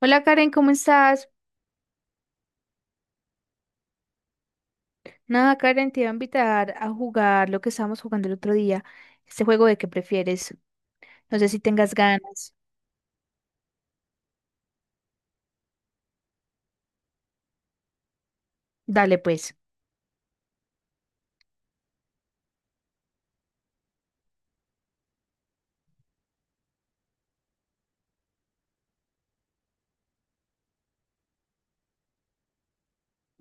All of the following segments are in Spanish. Hola Karen, ¿cómo estás? Nada, Karen, te iba a invitar a jugar lo que estábamos jugando el otro día, este juego de qué prefieres. No sé si tengas ganas. Dale pues.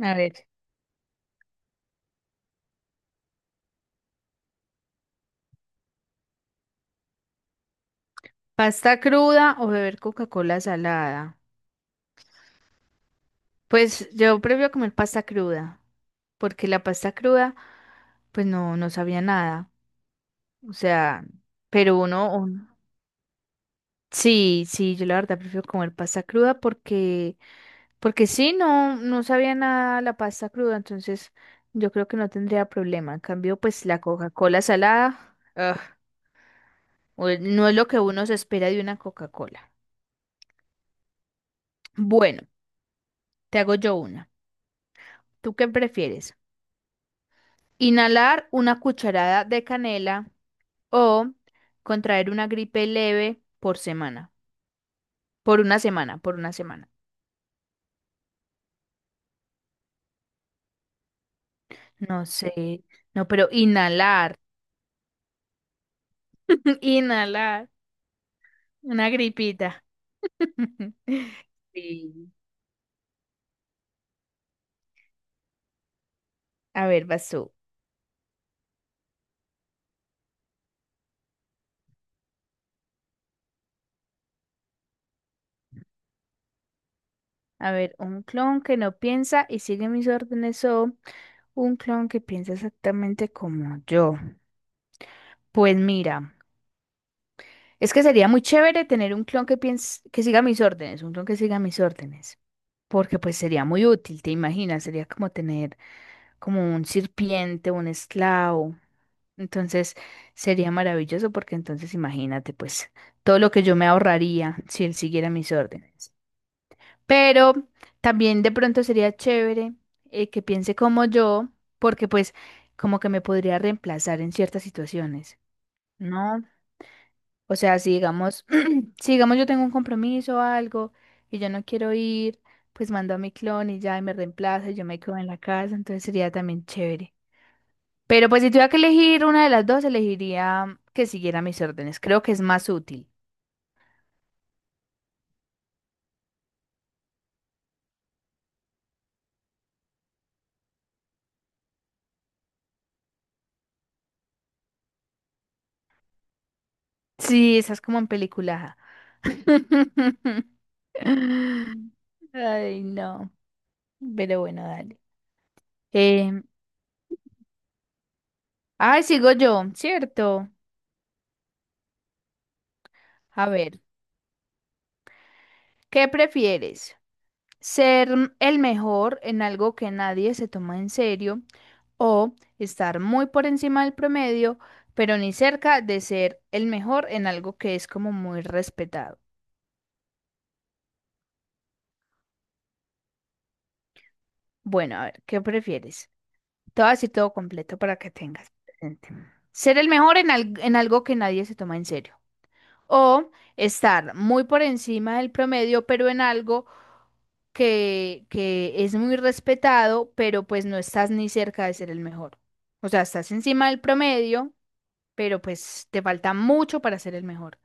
A ver. ¿Pasta cruda o beber Coca-Cola salada? Pues yo prefiero comer pasta cruda, porque la pasta cruda, pues no, no sabía nada. O sea, pero uno, sí, sí, yo la verdad prefiero comer pasta cruda porque porque sí, no, no sabía nada la pasta cruda, entonces yo creo que no tendría problema. En cambio, pues la Coca-Cola salada, ugh, no es lo que uno se espera de una Coca-Cola. Bueno, te hago yo una. ¿Tú qué prefieres? ¿Inhalar una cucharada de canela o contraer una gripe leve por semana? Por una semana, por una semana. No sé, no, pero inhalar, inhalar, una gripita. Sí. A ver, vas tú. A ver, un clon que no piensa y sigue mis órdenes o un clon que piensa exactamente como yo. Pues mira, es que sería muy chévere tener un clon que piense, que siga mis órdenes, un clon que siga mis órdenes, porque pues sería muy útil, ¿te imaginas? Sería como tener como un sirviente, un esclavo. Entonces sería maravilloso porque entonces imagínate pues todo lo que yo me ahorraría si él siguiera mis órdenes. Pero también de pronto sería chévere que piense como yo, porque pues como que me podría reemplazar en ciertas situaciones, ¿no? O sea, si digamos, si digamos yo tengo un compromiso o algo y yo no quiero ir, pues mando a mi clon y ya y me reemplaza y yo me quedo en la casa, entonces sería también chévere. Pero pues si tuviera que elegir una de las dos, elegiría que siguiera mis órdenes. Creo que es más útil. Sí, esas como en película. Ay, no. Pero bueno, dale. Em, ay, sigo yo, ¿cierto? A ver, ¿qué prefieres? ¿Ser el mejor en algo que nadie se toma en serio o estar muy por encima del promedio, pero ni cerca de ser el mejor en algo que es como muy respetado? Bueno, a ver, ¿qué prefieres? Todo así, todo completo para que tengas presente. Ser el mejor en algo que nadie se toma en serio. O estar muy por encima del promedio, pero en algo que es muy respetado, pero pues no estás ni cerca de ser el mejor. O sea, estás encima del promedio, pero pues te falta mucho para ser el mejor.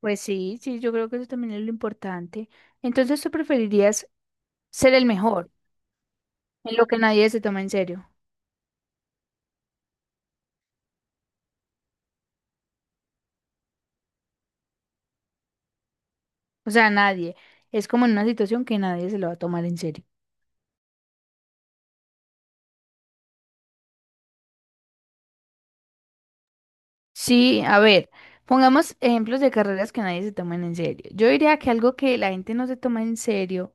Pues sí, sí, yo creo que eso también es lo importante. Entonces, ¿tú preferirías ser el mejor en lo que nadie se toma en serio? O sea, nadie. Es como en una situación que nadie se lo va a tomar en serio. Sí, a ver, pongamos ejemplos de carreras que nadie se toman en serio. Yo diría que algo que la gente no se toma en serio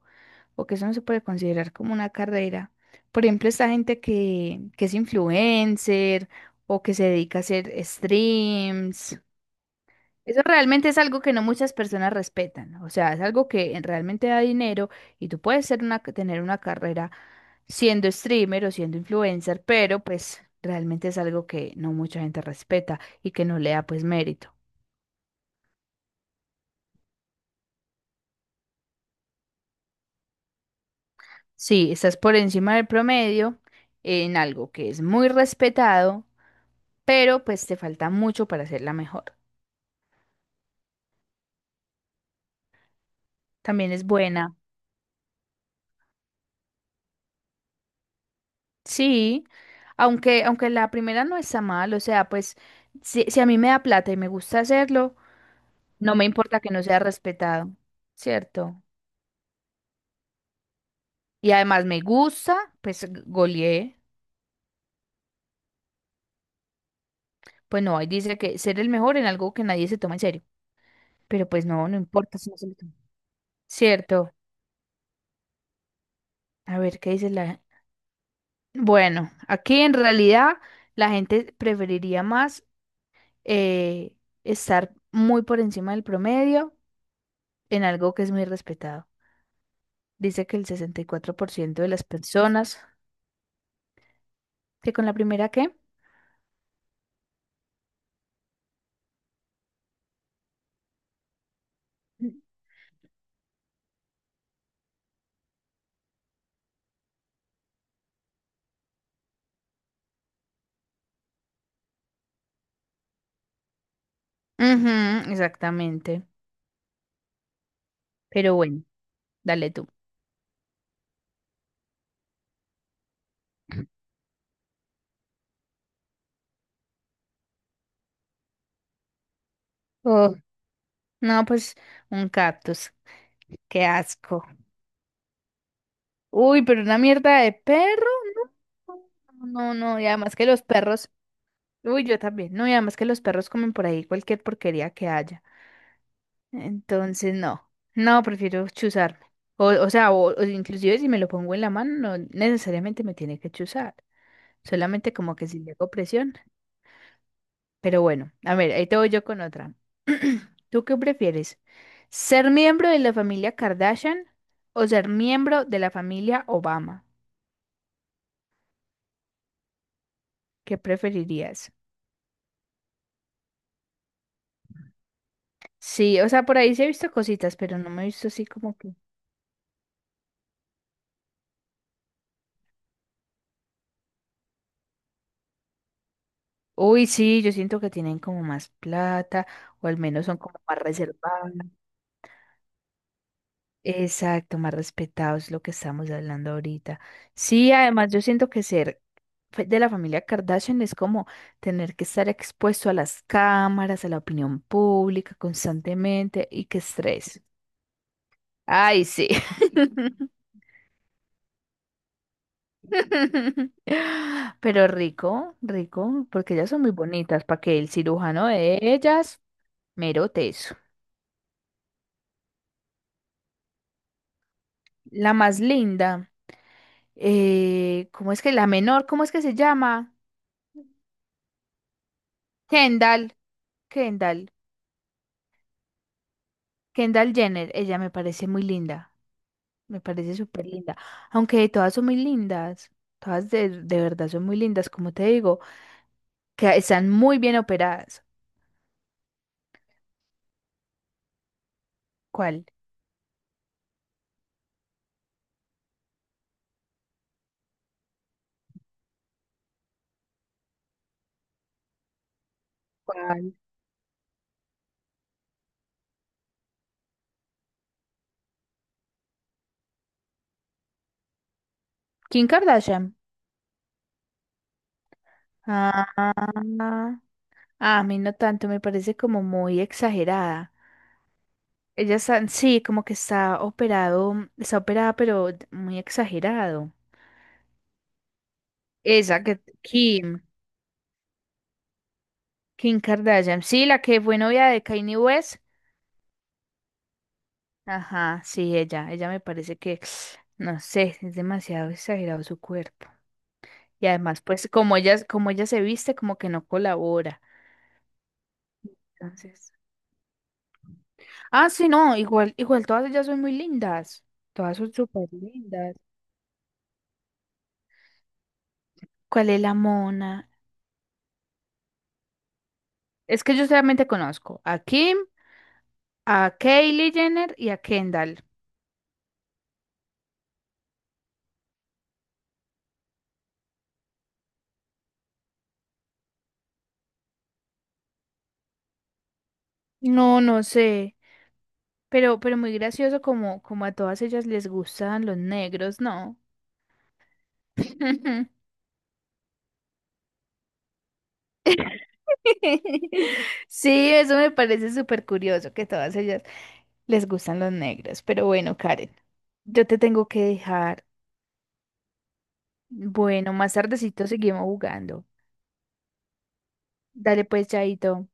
o que eso no se puede considerar como una carrera, por ejemplo, esta gente que es influencer o que se dedica a hacer streams, eso realmente es algo que no muchas personas respetan. O sea, es algo que realmente da dinero y tú puedes ser tener una carrera siendo streamer o siendo influencer, pero pues realmente es algo que no mucha gente respeta y que no le da pues mérito. Sí, estás por encima del promedio en algo que es muy respetado, pero pues te falta mucho para hacerla mejor. También es buena. Sí, aunque la primera no está mal, o sea, pues si a mí me da plata y me gusta hacerlo, no me importa que no sea respetado, ¿cierto? Y además me gusta, pues goleé. Pues no, ahí dice que ser el mejor en algo que nadie se toma en serio. Pero pues no, no importa si no se lo toma. ¿Cierto? A ver, ¿qué dice la, bueno, aquí en realidad la gente preferiría más eh, estar muy por encima del promedio en algo que es muy respetado. Dice que el 64% de las personas que con la primera qué. Ujú, exactamente. Pero bueno, dale tú. Oh, no, pues un cactus. Qué asco. Uy, pero una mierda de perro. No, no, no. No, no, y además que los perros, uy, yo también. No, y además que los perros comen por ahí cualquier porquería que haya. Entonces, no. No, prefiero chuzarme. O sea, o inclusive si me lo pongo en la mano, no necesariamente me tiene que chuzar. Solamente como que si le hago presión. Pero bueno, a ver, ahí te voy yo con otra. ¿Tú qué prefieres? ¿Ser miembro de la familia Kardashian o ser miembro de la familia Obama? ¿Qué preferirías? Sí, o sea, por ahí sí he visto cositas, pero no me he visto así como que... Uy, sí, yo siento que tienen como más plata o al menos son como más reservados. Exacto, más respetados, lo que estamos hablando ahorita. Sí, además yo siento que ser de la familia Kardashian es como tener que estar expuesto a las cámaras, a la opinión pública constantemente y qué estrés. Ay, sí. Pero rico, rico, porque ellas son muy bonitas, para que el cirujano de ellas mero teso. La más linda. Eh, ¿cómo es que la menor? ¿Cómo es que se llama? Kendall, Kendall, Kendall Jenner. Ella me parece muy linda, me parece súper linda. Aunque todas son muy lindas, todas de verdad son muy lindas, como te digo, que están muy bien operadas. ¿Cuál? ¿Cuál? Kim Kardashian. Ah, a mí no tanto, me parece como muy exagerada. Ella está, sí, como que está operado, está operada, pero muy exagerado. Esa que Kim. Kim Kardashian. Sí, la que fue novia de Kanye West. Ajá, sí, ella. Ella me parece que, no sé, es demasiado exagerado su cuerpo. Y además, pues, como ella se viste, como que no colabora. Entonces. Ah, sí, no, igual, igual todas ellas son muy lindas. Todas son súper lindas. ¿Cuál es la mona? Es que yo solamente conozco a Kim, a Kylie Jenner y a Kendall. No, no sé. Pero muy gracioso como, como a todas ellas les gustan los negros, ¿no? Ujú. Sí, eso me parece súper curioso que todas ellas les gustan los negros. Pero bueno, Karen, yo te tengo que dejar. Bueno, más tardecito seguimos jugando. Dale pues, Chaito.